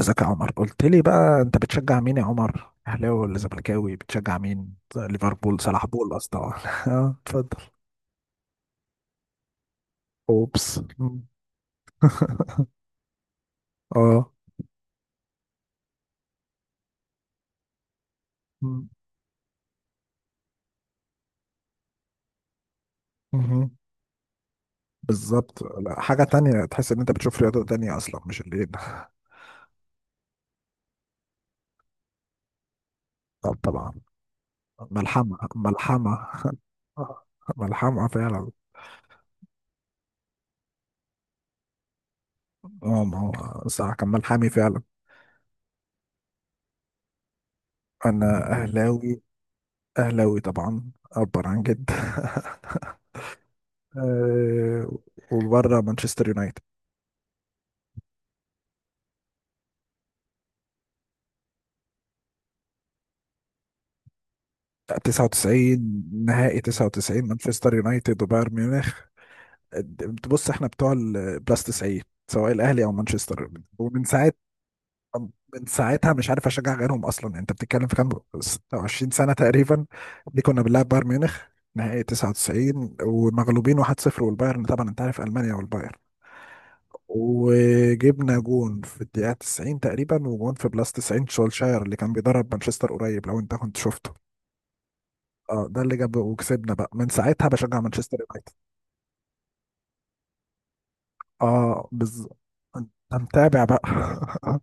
ازيك يا عمر؟ قلت لي بقى انت بتشجع مين يا عمر، اهلاوي ولا زملكاوي؟ بتشجع مين؟ ليفربول؟ صلاح؟ بول اصلا. اه اتفضل. اوبس. مم. اه. مم. مهم. بالظبط. لا، حاجة تانية تحس ان انت بتشوف رياضة تانية اصلا مش اللي هنا. طب طبعا. ملحمة ملحمة. آه، ملحمة فعلا. اه ما هو صح، كان ملحمي فعلا. انا اهلاوي. اهلاوي طبعا، اكبر عن جد. آه، وبره مانشستر يونايتد. 99، نهائي 99 مانشستر يونايتد وبايرن ميونخ. بص احنا بتوع البلاس 90، سواء الاهلي او مانشستر. ومن ساعه، من ساعتها مش عارف اشجع غيرهم اصلا. انت بتتكلم في كام؟ 26 سنه تقريبا. دي كنا بنلعب بايرن ميونخ نهائي 99 ومغلوبين 1-0. والبايرن طبعا انت عارف، المانيا والبايرن. وجبنا جون في الدقيقه 90 تقريبا، وجون في بلاس 90 شولشاير اللي كان بيدرب مانشستر قريب، لو انت كنت شفته. اه، ده اللي جاب وكسبنا. بقى من ساعتها بشجع مانشستر يونايتد. اه بز، انت متابع بقى.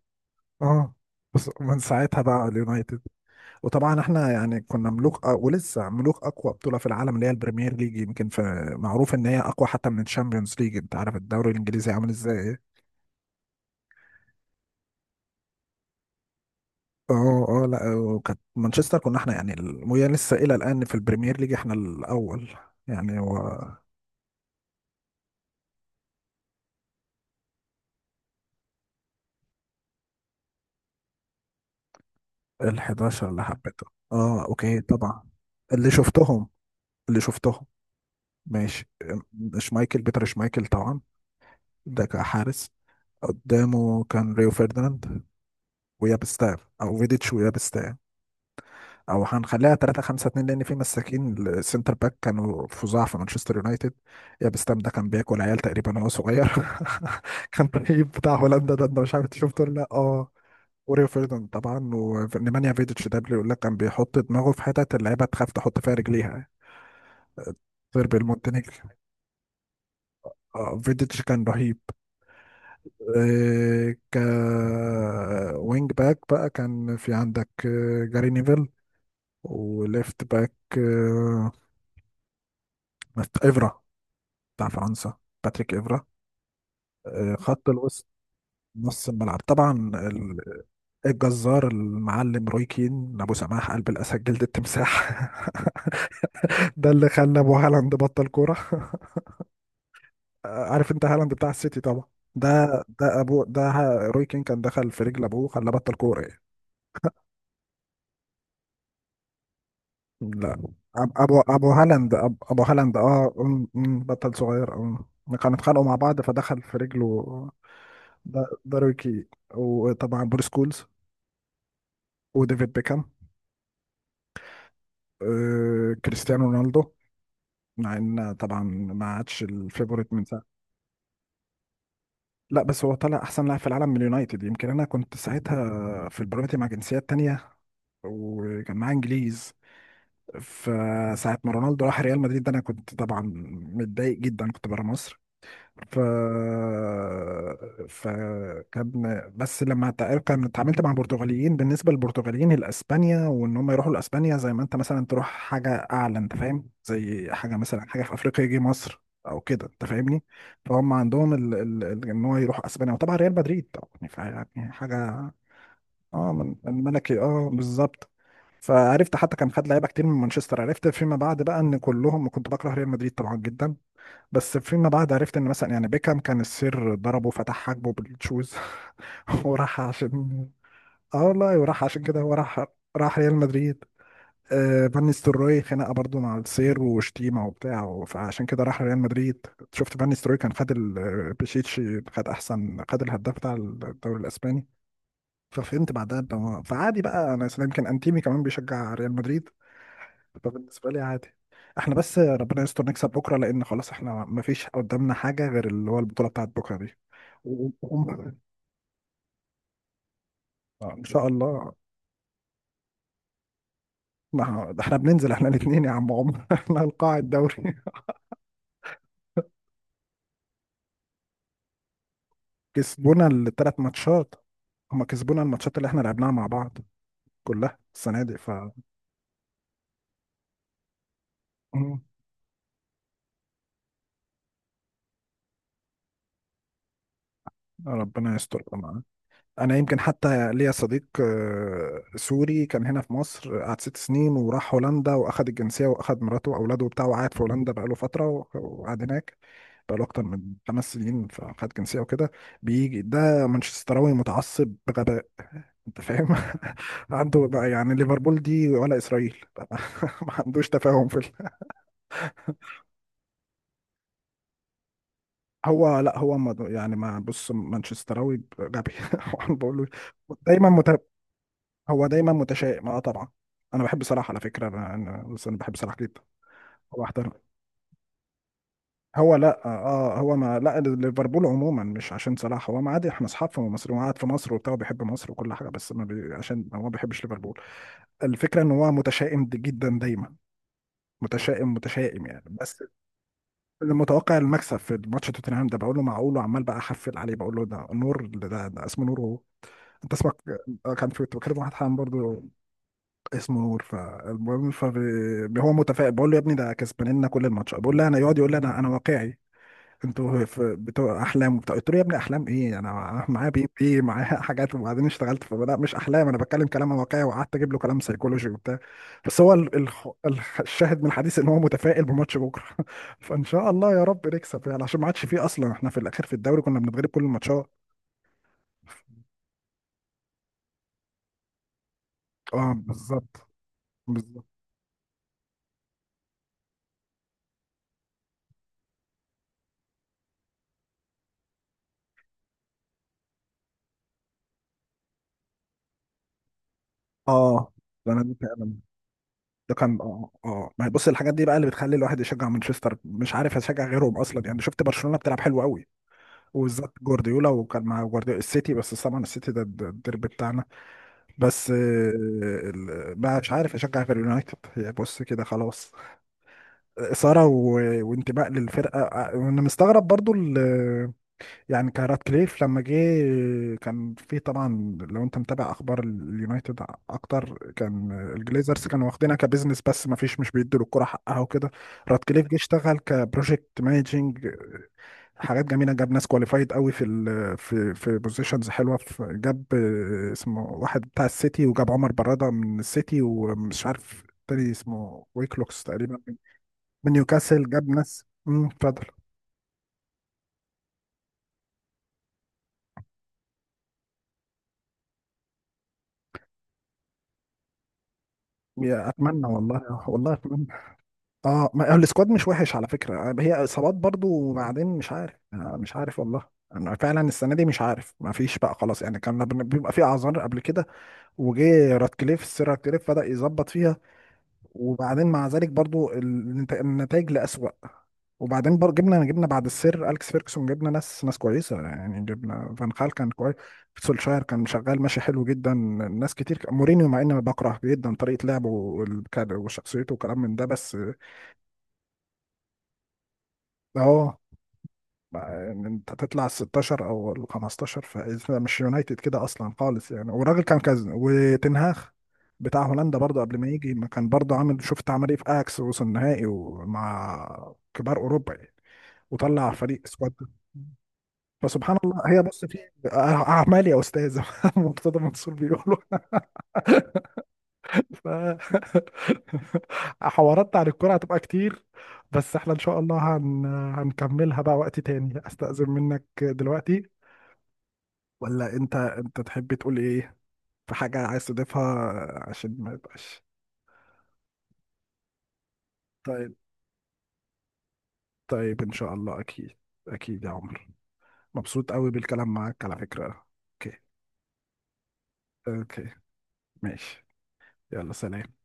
اه. بس من ساعتها بقى اليونايتد. وطبعا احنا يعني كنا ملوك، آه ولسه ملوك اقوى بطوله في العالم اللي هي البريمير ليج. يمكن في معروف ان هي اقوى حتى من الشامبيونز ليج. انت عارف الدوري الانجليزي عامل ازاي؟ ايه اه اه، لا وكانت مانشستر كنا احنا يعني وهي لسه الى الان في البريمير ليج احنا الاول يعني هو. ال 11 اللي حبيته، اه اوكي طبعا. اللي شفتهم اللي شفتهم. ماشي. شمايكل، بيتر شمايكل طبعا، ده كحارس. قدامه كان ريو فيرديناند ويابستاع، او فيديتش ويابستاع، او هنخليها 3 5 2 لان في مساكين السنتر باك كانوا فظاع في مانشستر يونايتد. يابستام ده كان بياكل عيال تقريبا وهو صغير. كان رهيب بتاع هولندا ده، انت مش عارف أنت شفته ولا لا؟ اه. وريو فيرديناند طبعا ونيمانيا فيديتش، ده بيقول لك كان بيحط دماغه في حتت اللعيبه تخاف تحط فيها رجليها، غير بالمونتينيجر. اه فيديتش كان رهيب. إيه، ك وينج باك بقى كان في عندك جاري نيفل. وليفت باك آه، إفرا، بتاع فرنسا، باتريك إفرا. خط الوسط. نص الملعب طبعا، الجزار المعلم روي كين، ابو سماح قلب الاسد جلد التمساح. ده اللي خلى ابو هالاند بطل كوره. عارف انت هالاند بتاع السيتي طبعا، ده، ده ابو، روي كين كان دخل في رجل ابوه خلاه بطل كوره. لا، ابو هالاند، ابو هالاند اه، أم- أم، بطل صغير اه. كانوا اتخانقوا مع بعض فدخل في رجله. ده داروي كي. وطبعا بوريس كولز وديفيد بيكهام. آه كريستيانو رونالدو، مع ان طبعا ما عادش الفيفوريت من ساعه. لا بس هو طلع احسن لاعب في العالم من اليونايتد، يمكن انا كنت ساعتها في البرامتي مع جنسيات تانية وكان معاه انجليز. فساعة ما رونالدو راح ريال مدريد، ده انا كنت طبعا متضايق جدا، كنت بره مصر. ف فكان بس لما تع- كان اتعاملت مع البرتغاليين، بالنسبه للبرتغاليين الاسبانيا، وان هم يروحوا لاسبانيا زي ما انت مثلا تروح حاجه اعلى، انت فاهم؟ زي حاجه مثلا، حاجه في افريقيا يجي مصر او كده، انت فاهمني؟ فهم عندهم ان هو يروح اسبانيا وطبعا ريال مدريد طبعا، فيعني حاجه. اه من الملكي اه بالظبط. فعرفت حتى كان خد لعيبه كتير من مانشستر. عرفت فيما بعد بقى ان كلهم، كنت بكره ريال مدريد طبعا جدا. بس فيما بعد عرفت ان مثلا يعني بيكهام كان السير ضربه فتح حاجبه بالشوز. وراح عشان، اه والله وراح عشان كده هو راح، راح ريال مدريد. آه فان نيستلروي خناقه برضو مع السير وشتيمه وبتاع فعشان كده راح ريال مدريد. شفت فان نيستلروي كان خد بيشيتشي، خد احسن، خد الهداف بتاع الدوري الاسباني. ففهمت بعدها فعادي بقى. انا أصلاً يمكن انتيمي كمان بيشجع ريال مدريد. فبالنسبة لي عادي. احنا بس ربنا يستر نكسب بكرة لأن خلاص احنا مفيش قدامنا حاجة غير اللي هو البطولة بتاعت بكرة دي. و- و- إن شاء الله. ما ه- ده احنا بننزل احنا الاتنين يا عم عمر، احنا القاع الدوري. كسبونا الـ3 ماتشات. هما كسبونا الماتشات اللي احنا لعبناها مع بعض كلها السنة دي. مم. ربنا يستر. انا يمكن حتى ليا صديق سوري كان هنا في مصر، قعد 6 سنين وراح هولندا واخد الجنسيه واخد مراته واولاده وبتاعه وقعد في هولندا بقاله فتره وقعد هناك بقاله اكتر من 5 سنين فخد جنسيه وكده. بيجي ده مانشستراوي متعصب بغباء، انت فاهم؟ عنده بقى يعني ليفربول دي ولا اسرائيل. ما عندوش تفاهم في هو لا هو يعني ما بص مانشستراوي غبي. وأنا بقول له دايما. هو دايما متشائم اه طبعا. انا بحب صلاح على فكره، بس انا بحب صلاح جدا. هو احترم، هو لا اه هو ما لا ليفربول عموما مش عشان صلاح، هو ما عادي احنا اصحاب في مصر وقاعد في مصر وبتاع بيحب مصر وكل حاجه، بس ما بي... عشان هو ما بيحبش ليفربول. الفكره ان هو متشائم جدا دايما. متشائم متشائم يعني. بس متوقع المكسب في ماتش توتنهام ده، بقول له معقول وعمال بقى احفل عليه، بقول له ده نور، ده، ده اسمه نور وهو. انت اسمك كان في كنت بكلم واحد حام برضه اسمه نور، فالمهم هو متفائل، بقول له يا ابني ده كسبان لنا كل الماتش، بقول له انا، يقعد يقول لي انا واقعي. انتوا بتوع احلام وبتاع، قلت له يا ابني احلام ايه انا معايا بي بي معايا حاجات، وبعدين اشتغلت فلا مش احلام انا بتكلم كلام واقعي، وقعدت اجيب له كلام سيكولوجي وبتاع. بس هو الشاهد من الحديث ان هو متفائل بماتش بكره. فان شاء الله يا رب نكسب يعني عشان ما عادش فيه اصلا. احنا في الاخر في الدوري كنا بنتغلب كل الماتشات. اه بالظبط. بالظبط اه. ده انا دي فعلا، ده كان اه اه، ما هي بص الحاجات دي بقى اللي بتخلي الواحد يشجع مانشستر مش عارف يشجع غيرهم اصلا يعني. شفت برشلونة بتلعب حلو قوي، وبالذات جوارديولا، وكان مع جوارديولا السيتي، بس طبعا السيتي ده الديربي بتاعنا. بس بقى مش عارف اشجع غير اليونايتد. هي بص كده خلاص. إثارة وانتماء للفرقة وانا مستغرب برضو يعني. كارات كليف لما جه كان في طبعا، لو انت متابع اخبار اليونايتد اكتر، كان الجليزرز كانوا واخدينها كبزنس بس ما فيش مش بيدوا الكرة حقها وكده. رات كليف جه اشتغل كبروجكت مانجنج، حاجات جميله، جاب ناس كواليفايد قوي في ال في في بوزيشنز حلوه. جاب اسمه واحد بتاع السيتي، وجاب عمر براده من السيتي ومش عارف تاني اسمه ويكلوكس تقريبا من نيوكاسل. جاب ناس. اتفضل. يا اتمنى والله، والله اتمنى. اه ما السكواد مش وحش على فكره هي اصابات برضو، وبعدين مش عارف مش عارف والله. انا فعلا السنه دي مش عارف، ما فيش بقى خلاص يعني، كان بيبقى في اعذار قبل كده. وجه راتكليف، السير راتكليف بدا يظبط فيها، وبعدين مع ذلك برضو النتائج لأسوأ. وبعدين برضو جبنا بعد السير اليكس فيركسون، جبنا ناس، ناس كويسه يعني. جبنا فان خال كان كويس. سولشاير كان شغال ماشي حلو جدا. ناس كتير. مورينيو مع اني بكره جدا طريقه لعبه وشخصيته وكلام من ده، بس اه ان انت تطلع ال 16 او ال 15 فانت مش يونايتد كده اصلا خالص يعني. والراجل كان كذا وتنهاخ بتاع هولندا برضه، قبل ما يجي ما كان برضه عامل، شفت عمل ايه في اياكس؟ وصل النهائي ومع كبار اوروبا يعني، وطلع فريق سكواد. فسبحان الله، هي بص في اعمال يا استاذ. مرتضى منصور بيقولوا. ف حوارات عن الكرة هتبقى كتير، بس احنا ان شاء الله هنكملها بقى وقت تاني. استأذن منك دلوقتي. ولا انت، انت تحب تقول ايه؟ في حاجة عايز تضيفها عشان ما يبقاش. طيب. طيب ان شاء الله اكيد. اكيد يا عمر. مبسوط قوي بالكلام معاك على فكرة. اوكي. اوكي ماشي. يلا سلام.